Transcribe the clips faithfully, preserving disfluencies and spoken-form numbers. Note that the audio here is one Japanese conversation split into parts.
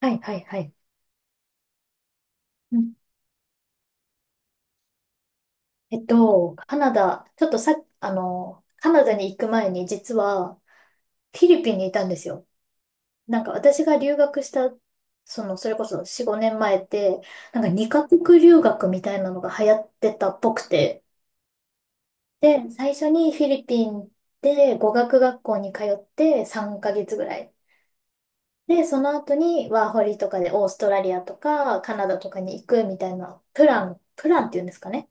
はい、はい、はい。うん、えっと、カナダ、ちょっとさ、あの、カナダに行く前に実はフィリピンにいたんですよ。なんか私が留学した、その、それこそよん、ごねんまえって、なんかにカ国留学みたいなのが流行ってたっぽくて。で、最初にフィリピンで語学学校に通ってさんかげつぐらい。で、その後にワーホリとかでオーストラリアとかカナダとかに行くみたいなプラン、プランっていうんですかね。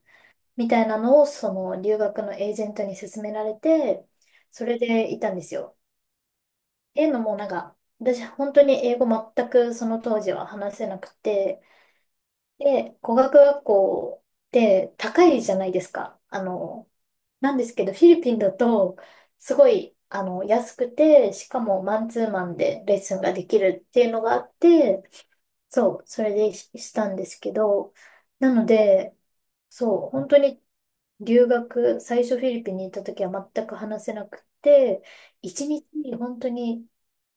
みたいなのを、その留学のエージェントに勧められて、それでいたんですよ。っていうのも、なんか、私、本当に英語全くその当時は話せなくて、で、語学学校って高いじゃないですか。あの、なんですけど、フィリピンだと、すごい、あの、安くて、しかもマンツーマンでレッスンができるっていうのがあって、そう、それでししたんですけど、なので、そう、本当に留学、最初フィリピンに行った時は全く話せなくて、一日にちに本当に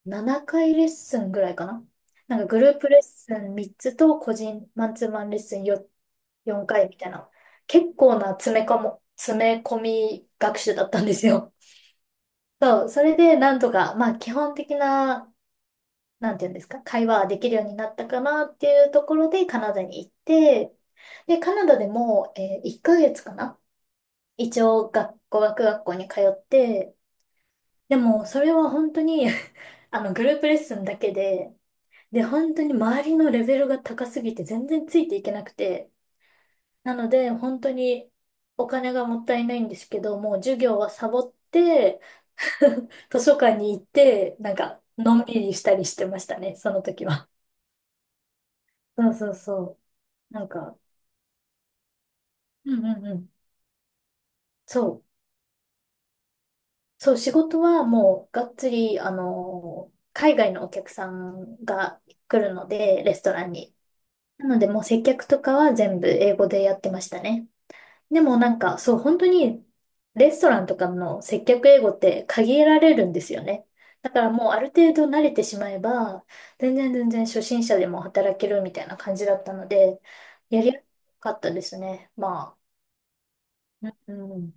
ななかいレッスンぐらいかな。なんかグループレッスンみっつと個人マンツーマンレッスンよん、よんかいみたいな。結構な詰め込も、詰め込み学習だったんですよ。そう、それでなんとか、まあ基本的な、なんていうんですか、会話はできるようになったかなっていうところでカナダに行って、で、カナダでも、えいっかげつかな、一応学語学学校に通って、でもそれは本当に あのグループレッスンだけで、で本当に周りのレベルが高すぎて全然ついていけなくて、なので本当にお金がもったいないんですけど、もう授業はサボって 図書館に行って、なんかのんびりしたりしてましたね、その時は。そうそうそう。なんか、うんうんうん。そう。そう、仕事はもうがっつり、あの、海外のお客さんが来るので、レストランに。なので、もう接客とかは全部英語でやってましたね。でもなんか、そう、本当にレストランとかの接客英語って限られるんですよね。だからもうある程度慣れてしまえば、全然全然初心者でも働けるみたいな感じだったので、やりやすかったですね。まあ。うん。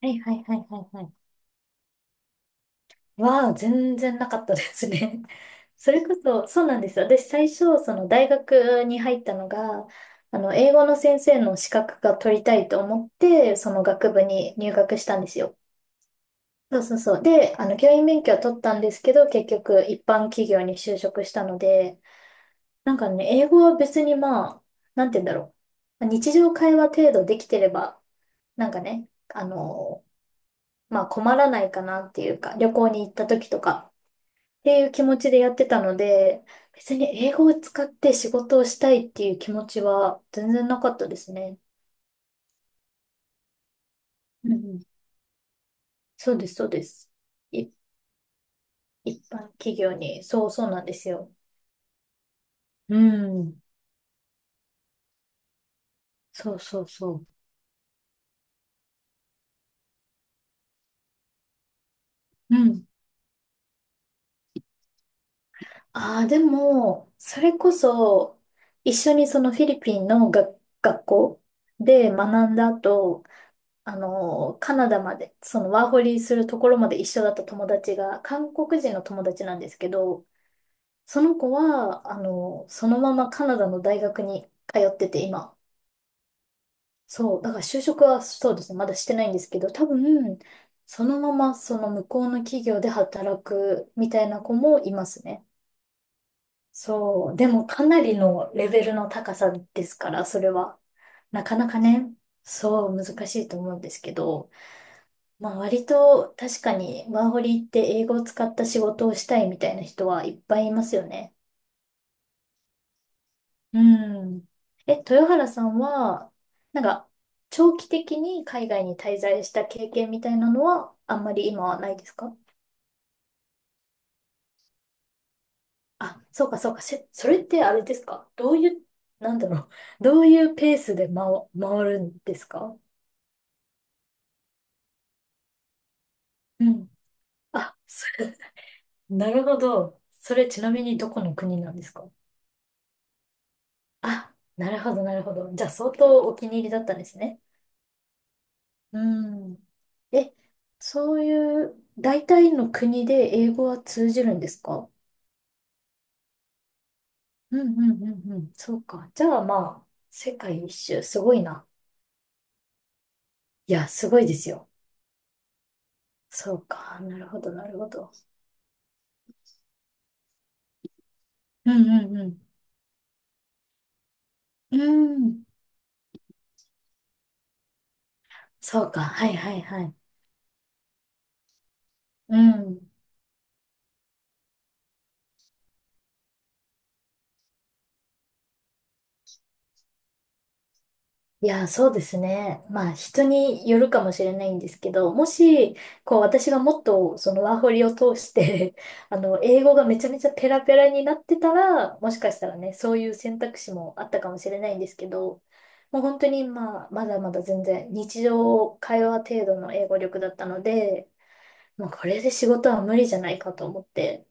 はいはいはいはいはい。は全然なかったですね。それこそ、そうなんです、私最初、その大学に入ったのが、あの、英語の先生の資格が取りたいと思って、その学部に入学したんですよ。そうそうそう。で、あの、教員免許は取ったんですけど、結局一般企業に就職したので、なんかね、英語は別にまあ、なんて言うんだろう。日常会話程度できてれば、なんかね、あの、まあ困らないかなっていうか、旅行に行った時とか、っていう気持ちでやってたので、別に英語を使って仕事をしたいっていう気持ちは全然なかったですね。うんうん。そうです、そうです。い、一般企業に。そうそうなんですよ。うん。そうそうそう。うん。ああ、でも、それこそ、一緒にそのフィリピンの学、学校で学んだ後、あの、カナダまで、そのワーホリするところまで一緒だった友達が、韓国人の友達なんですけど、その子は、あの、そのままカナダの大学に通ってて、今。そう、だから就職はそうですね、まだしてないんですけど、多分、そのままその向こうの企業で働くみたいな子もいますね。そう、でもかなりのレベルの高さですから、それは。なかなかね、そう、難しいと思うんですけど、まあ割と確かにワーホリって英語を使った仕事をしたいみたいな人はいっぱいいますよね。うん。え、豊原さんは、なんか、長期的に海外に滞在した経験みたいなのは、あんまり今はないですか？あ、そうかそうか。せそれってあれですか？どういう、なんだろう。どういうペースで回、回るんですか？うん。あ、それ、なるほど。それちなみにどこの国なんですか？あ、なるほど、なるほど。じゃあ相当お気に入りだったんですね。うん。え、そういう、大体の国で英語は通じるんですか？うんうんうんうん。そうか。じゃあまあ、世界一周、すごいな。いや、すごいですよ。そうか。なるほど、なるほど。うんうんうん。うん。そうか。はいはいはい。うん。いや、そうですね。まあ、人によるかもしれないんですけど、もし、こう、私がもっと、そのワーホリを通して あの、英語がめちゃめちゃペラペラになってたら、もしかしたらね、そういう選択肢もあったかもしれないんですけど、もう本当に、まあ、まだまだ全然、日常会話程度の英語力だったので、もうこれで仕事は無理じゃないかと思って、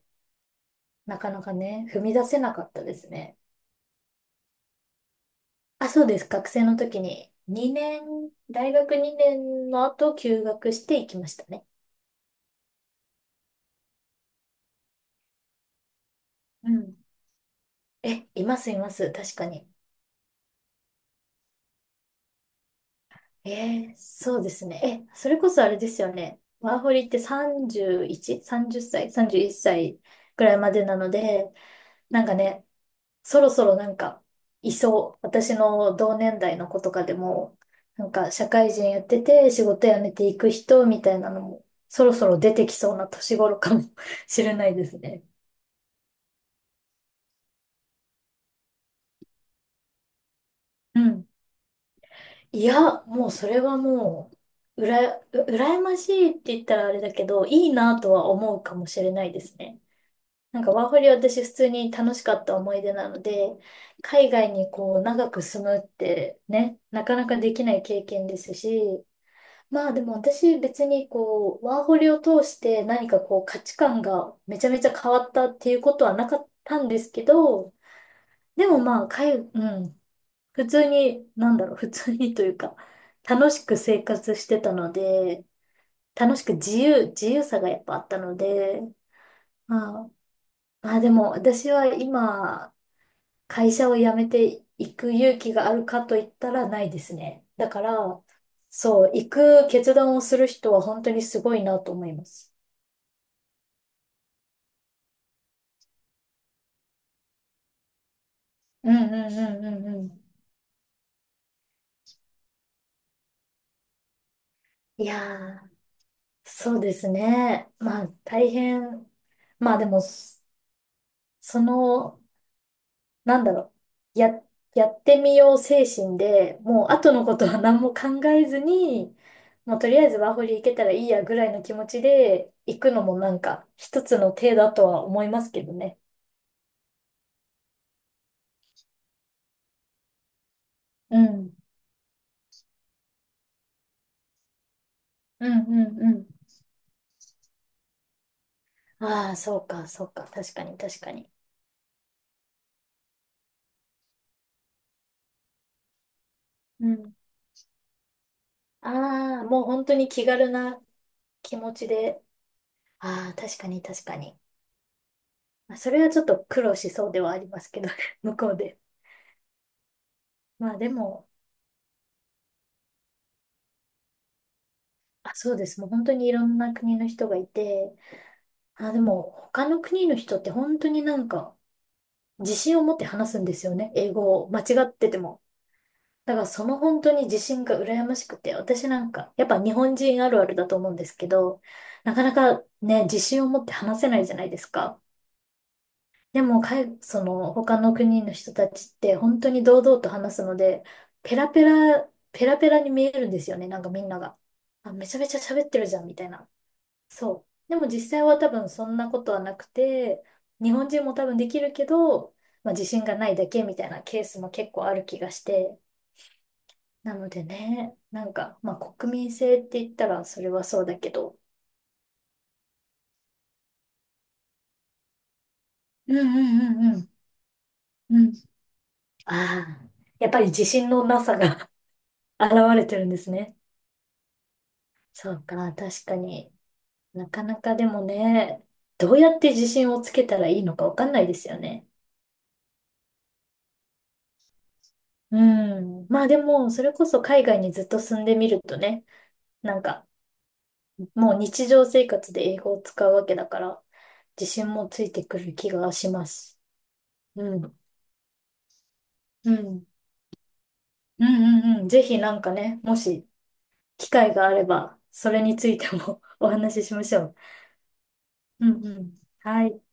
なかなかね、踏み出せなかったですね。あ、そうです。学生の時ににねん、大学にねんの後休学して行きましたね。うん。え、いますいます。確かに。えー、そうですね。え、それこそあれですよね。ワーホリって さんじゅういち? さんじゅっさい ?さんじゅういち 歳くらいまでなので、なんかね、そろそろなんか、いそう。私の同年代の子とかでも、なんか社会人やってて仕事辞めていく人みたいなのも、そろそろ出てきそうな年頃かも しれないですね。うん。いや、もうそれはもう、うら、う羨ましいって言ったらあれだけど、いいなとは思うかもしれないですね。なんかワーホリは私普通に楽しかった思い出なので、海外にこう長く住むってね、なかなかできない経験ですし、まあでも私別にこう、ワーホリを通して何かこう価値観がめちゃめちゃ変わったっていうことはなかったんですけど、でもまあ、海、うん、普通に、なんだろう、普通にというか、楽しく生活してたので、楽しく自由、自由さがやっぱあったので、まあ、まあでも私は今、会社を辞めていく勇気があるかと言ったらないですね。だから、そう、行く決断をする人は本当にすごいなと思います。うんうんうんうんうん。いやー、そうですね。まあ大変。まあでも、そその、なんだろう、や、やってみよう精神で、もう後のことは何も考えずに、もうとりあえずワーホリ行けたらいいやぐらいの気持ちで行くのもなんか一つの手だとは思いますけどね。うん。うんうんうん。ああ、そうか、そうか。確かに、確かに。うん。ああ、もう本当に気軽な気持ちで。ああ、確かに、確かに。まあ、それはちょっと苦労しそうではありますけど、向こうで。まあでも、あ、そうです。もう本当にいろんな国の人がいて、あ、でも他の国の人って本当になんか自信を持って話すんですよね。英語を間違ってても。だからその本当に自信が羨ましくて、私なんか、やっぱ日本人あるあるだと思うんですけど、なかなかね、自信を持って話せないじゃないですか。でも、海その他の国の人たちって本当に堂々と話すので、ペラペラ、ペラペラに見えるんですよね。なんかみんなが。あ、めちゃめちゃ喋ってるじゃん、みたいな。そう。でも実際は多分そんなことはなくて、日本人も多分できるけど、まあ、自信がないだけみたいなケースも結構ある気がして。なのでね、なんか、まあ国民性って言ったらそれはそうだけど。うんうんうんうん。うん。ああ、やっぱり自信のなさが 現れてるんですね。そうか、確かに。なかなかでもね、どうやって自信をつけたらいいのかわかんないですよね。うん。まあでも、それこそ海外にずっと住んでみるとね、なんか、もう日常生活で英語を使うわけだから、自信もついてくる気がします。うん。うん。うんうんうん。ぜひなんかね、もし機会があれば、それについても お話ししましょう。うんうん。はい。